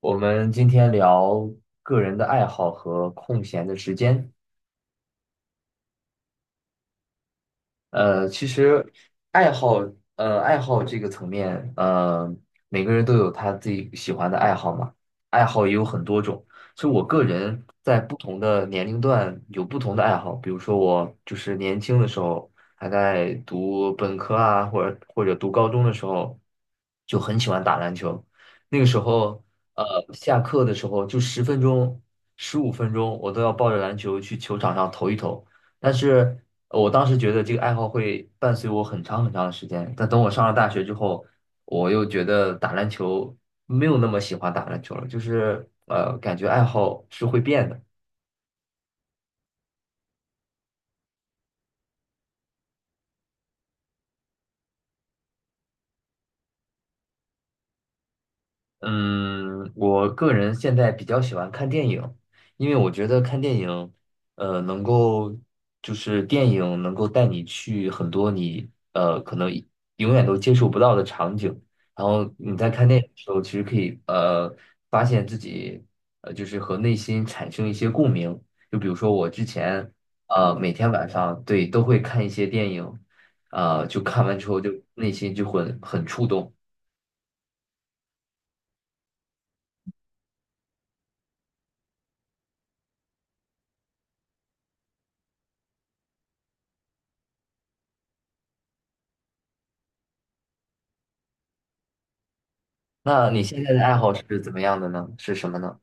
我们今天聊个人的爱好和空闲的时间。其实爱好，爱好这个层面，每个人都有他自己喜欢的爱好嘛，爱好也有很多种。所以我个人在不同的年龄段有不同的爱好，比如说我就是年轻的时候，还在读本科啊，或者读高中的时候，就很喜欢打篮球。那个时候，呃，下课的时候就十分钟、十五分钟，我都要抱着篮球去球场上投一投。但是我当时觉得这个爱好会伴随我很长很长的时间，但等我上了大学之后，我又觉得打篮球没有那么喜欢打篮球了，就是感觉爱好是会变的。嗯，我个人现在比较喜欢看电影，因为我觉得看电影，呃，能够就是电影能够带你去很多你可能永远都接触不到的场景，然后你在看电影的时候，其实可以发现自己就是和内心产生一些共鸣，就比如说我之前每天晚上，对，都会看一些电影，就看完之后就内心就会很触动。那你现在的爱好是怎么样的呢？是什么呢？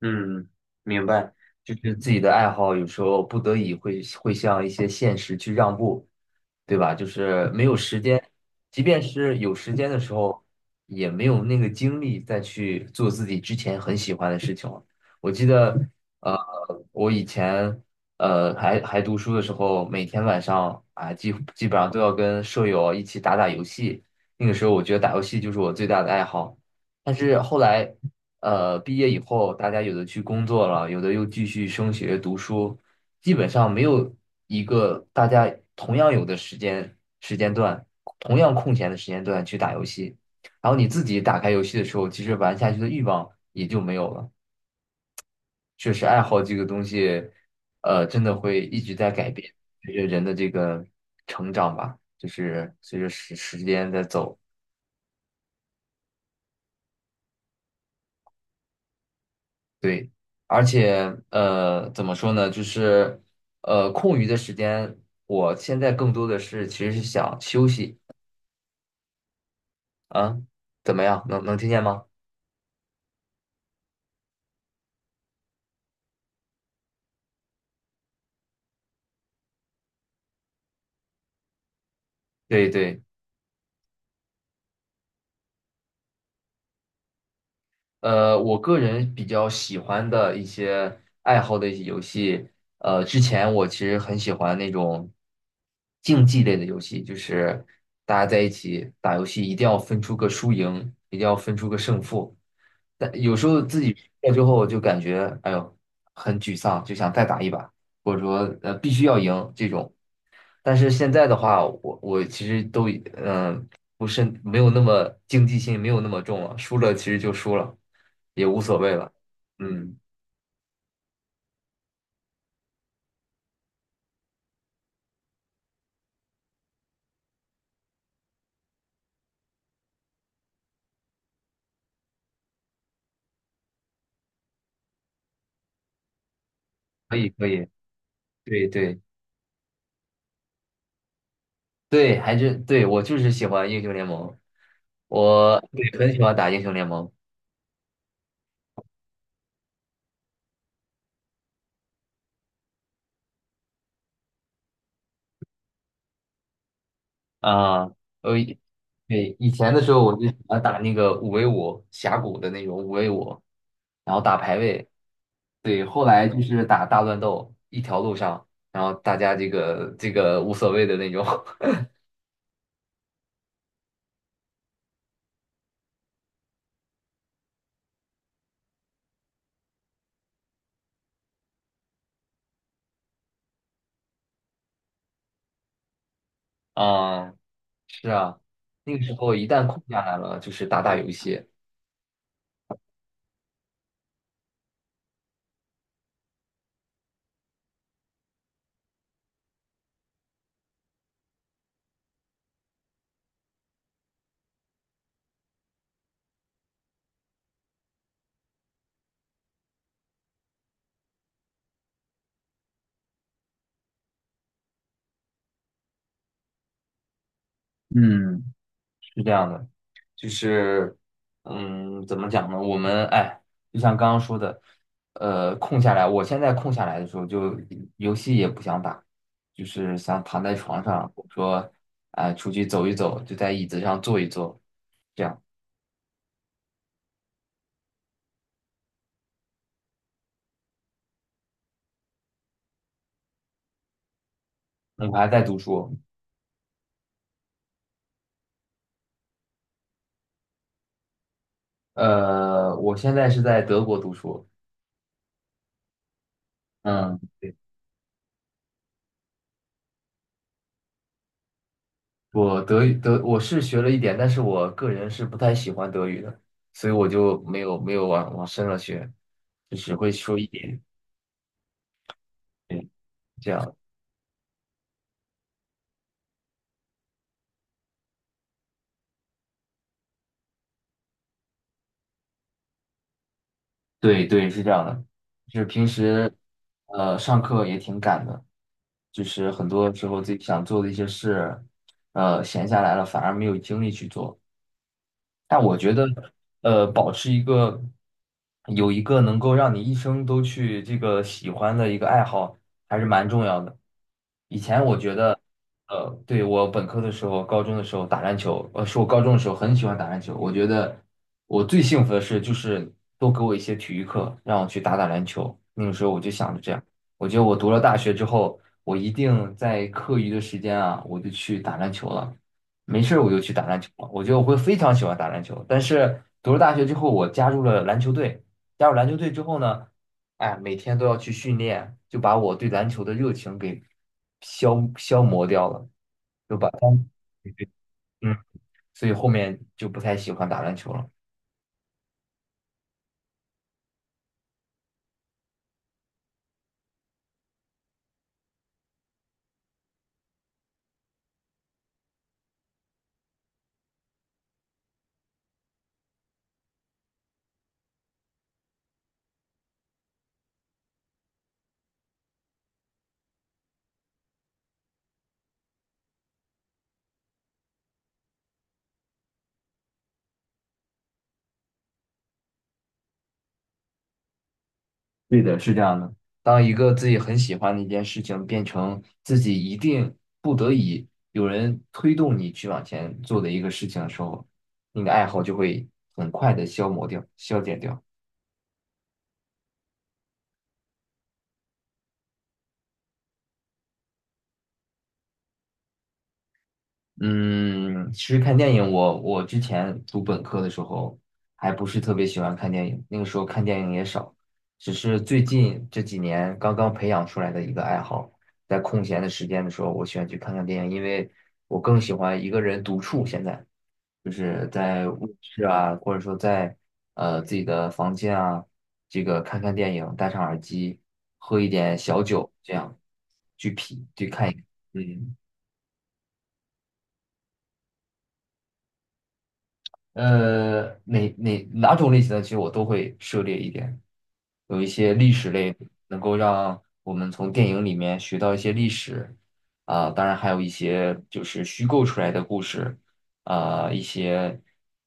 嗯，明白，就是自己的爱好有时候不得已会向一些现实去让步，对吧？就是没有时间，即便是有时间的时候，也没有那个精力再去做自己之前很喜欢的事情了。我记得，呃，我以前还读书的时候，每天晚上啊，基本上都要跟舍友一起打打游戏。那个时候，我觉得打游戏就是我最大的爱好。但是后来。毕业以后，大家有的去工作了，有的又继续升学读书，基本上没有一个大家同样有的时间段，同样空闲的时间段去打游戏。然后你自己打开游戏的时候，其实玩下去的欲望也就没有了。确实，爱好这个东西，真的会一直在改变，随着人的这个成长吧，就是随着时间在走。对，而且怎么说呢？就是空余的时间，我现在更多的其实是想休息啊，怎么样？能听见吗？对对，我个人比较喜欢的一些爱好的一些游戏，之前我其实很喜欢那种竞技类的游戏，就是大家在一起打游戏，一定要分出个输赢，一定要分出个胜负。但有时候自己输了之后，就感觉哎呦很沮丧，就想再打一把，或者说必须要赢这种。但是现在的话，我其实都嗯、呃不是没有那么竞技性，没有那么重了，输了其实就输了，也无所谓了。嗯，可以可以，对对对，还是，对，我就是喜欢英雄联盟，我，对，很喜欢打英雄联盟。啊，我以对，以前的时候我就喜欢打那个五 v 五峡谷的那种五 v 五，然后打排位。对，后来就是打大乱斗，一条路上，然后大家这个无所谓的那种。啊，是啊，那个时候一旦空下来了，就是打打游戏，嗯，是这样的。就是，嗯，怎么讲呢？我们哎，就像刚刚说的，空下来，我现在空下来的时候就，游戏也不想打，就是想躺在床上，或者说，哎，出去走一走，就在椅子上坐一坐，这样。我还在读书，我现在是在德国读书。嗯，我德语我是学了一点，但是我个人是不太喜欢德语的，所以我就没有往深了学，就只会说一点，对，这样。对对，是这样的，就是平时，上课也挺赶的，就是很多时候自己想做的一些事，闲下来了反而没有精力去做。但我觉得，保持一个有一个能够让你一生都去这个喜欢的一个爱好，还是蛮重要的。呃对，我本科的时候、高中的时候打篮球，是我高中的时候很喜欢打篮球。我觉得我最幸福的事就是多给我一些体育课，让我去打打篮球。那个时候我就想着这样，我觉得我读了大学之后，我一定在课余的时间啊，我就去打篮球了。没事儿我就去打篮球了。我觉得我会非常喜欢打篮球。但是读了大学之后，我加入了篮球队。加入篮球队之后呢？哎，每天都要去训练，就把我对篮球的热情给消磨掉了，就把当，对对，嗯，所以后面就不太喜欢打篮球了。对的，是这样的。当一个自己很喜欢的一件事情变成自己一定不得已有人推动你去往前做的一个事情的时候，你的爱好就会很快的消磨掉、消减掉。嗯，其实看电影我之前读本科的时候还不是特别喜欢看电影，那个时候看电影也少，只是最近这几年刚刚培养出来的一个爱好，在空闲的时间的时候，我喜欢去看看电影，因为我更喜欢一个人独处。现在就是在卧室啊，或者说在自己的房间啊，这个看看电影，戴上耳机，喝一点小酒，这样去品去看一，嗯。哪种类型的，其实我都会涉猎一点。有一些历史类，能够让我们从电影里面学到一些历史啊，当然还有一些就是虚构出来的故事啊，一些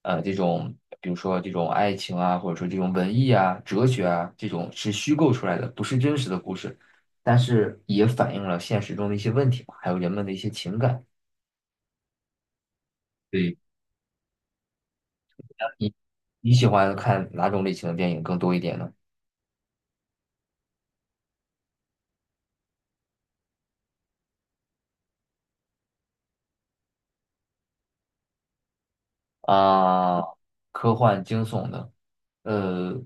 这种，比如说这种爱情啊，或者说这种文艺啊、哲学啊，这种是虚构出来的，不是真实的故事，但是也反映了现实中的一些问题嘛，还有人们的一些情感。对，你你喜欢看哪种类型的电影更多一点呢？啊，科幻惊悚的，呃，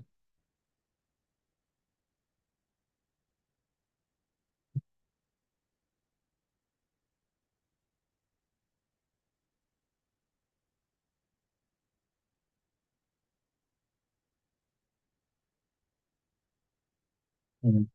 嗯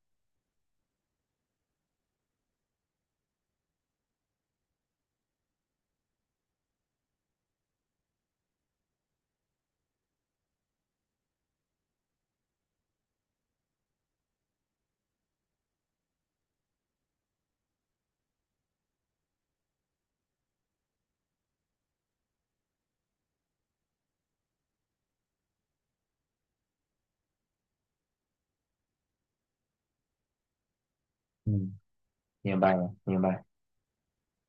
嗯，明白了，明白。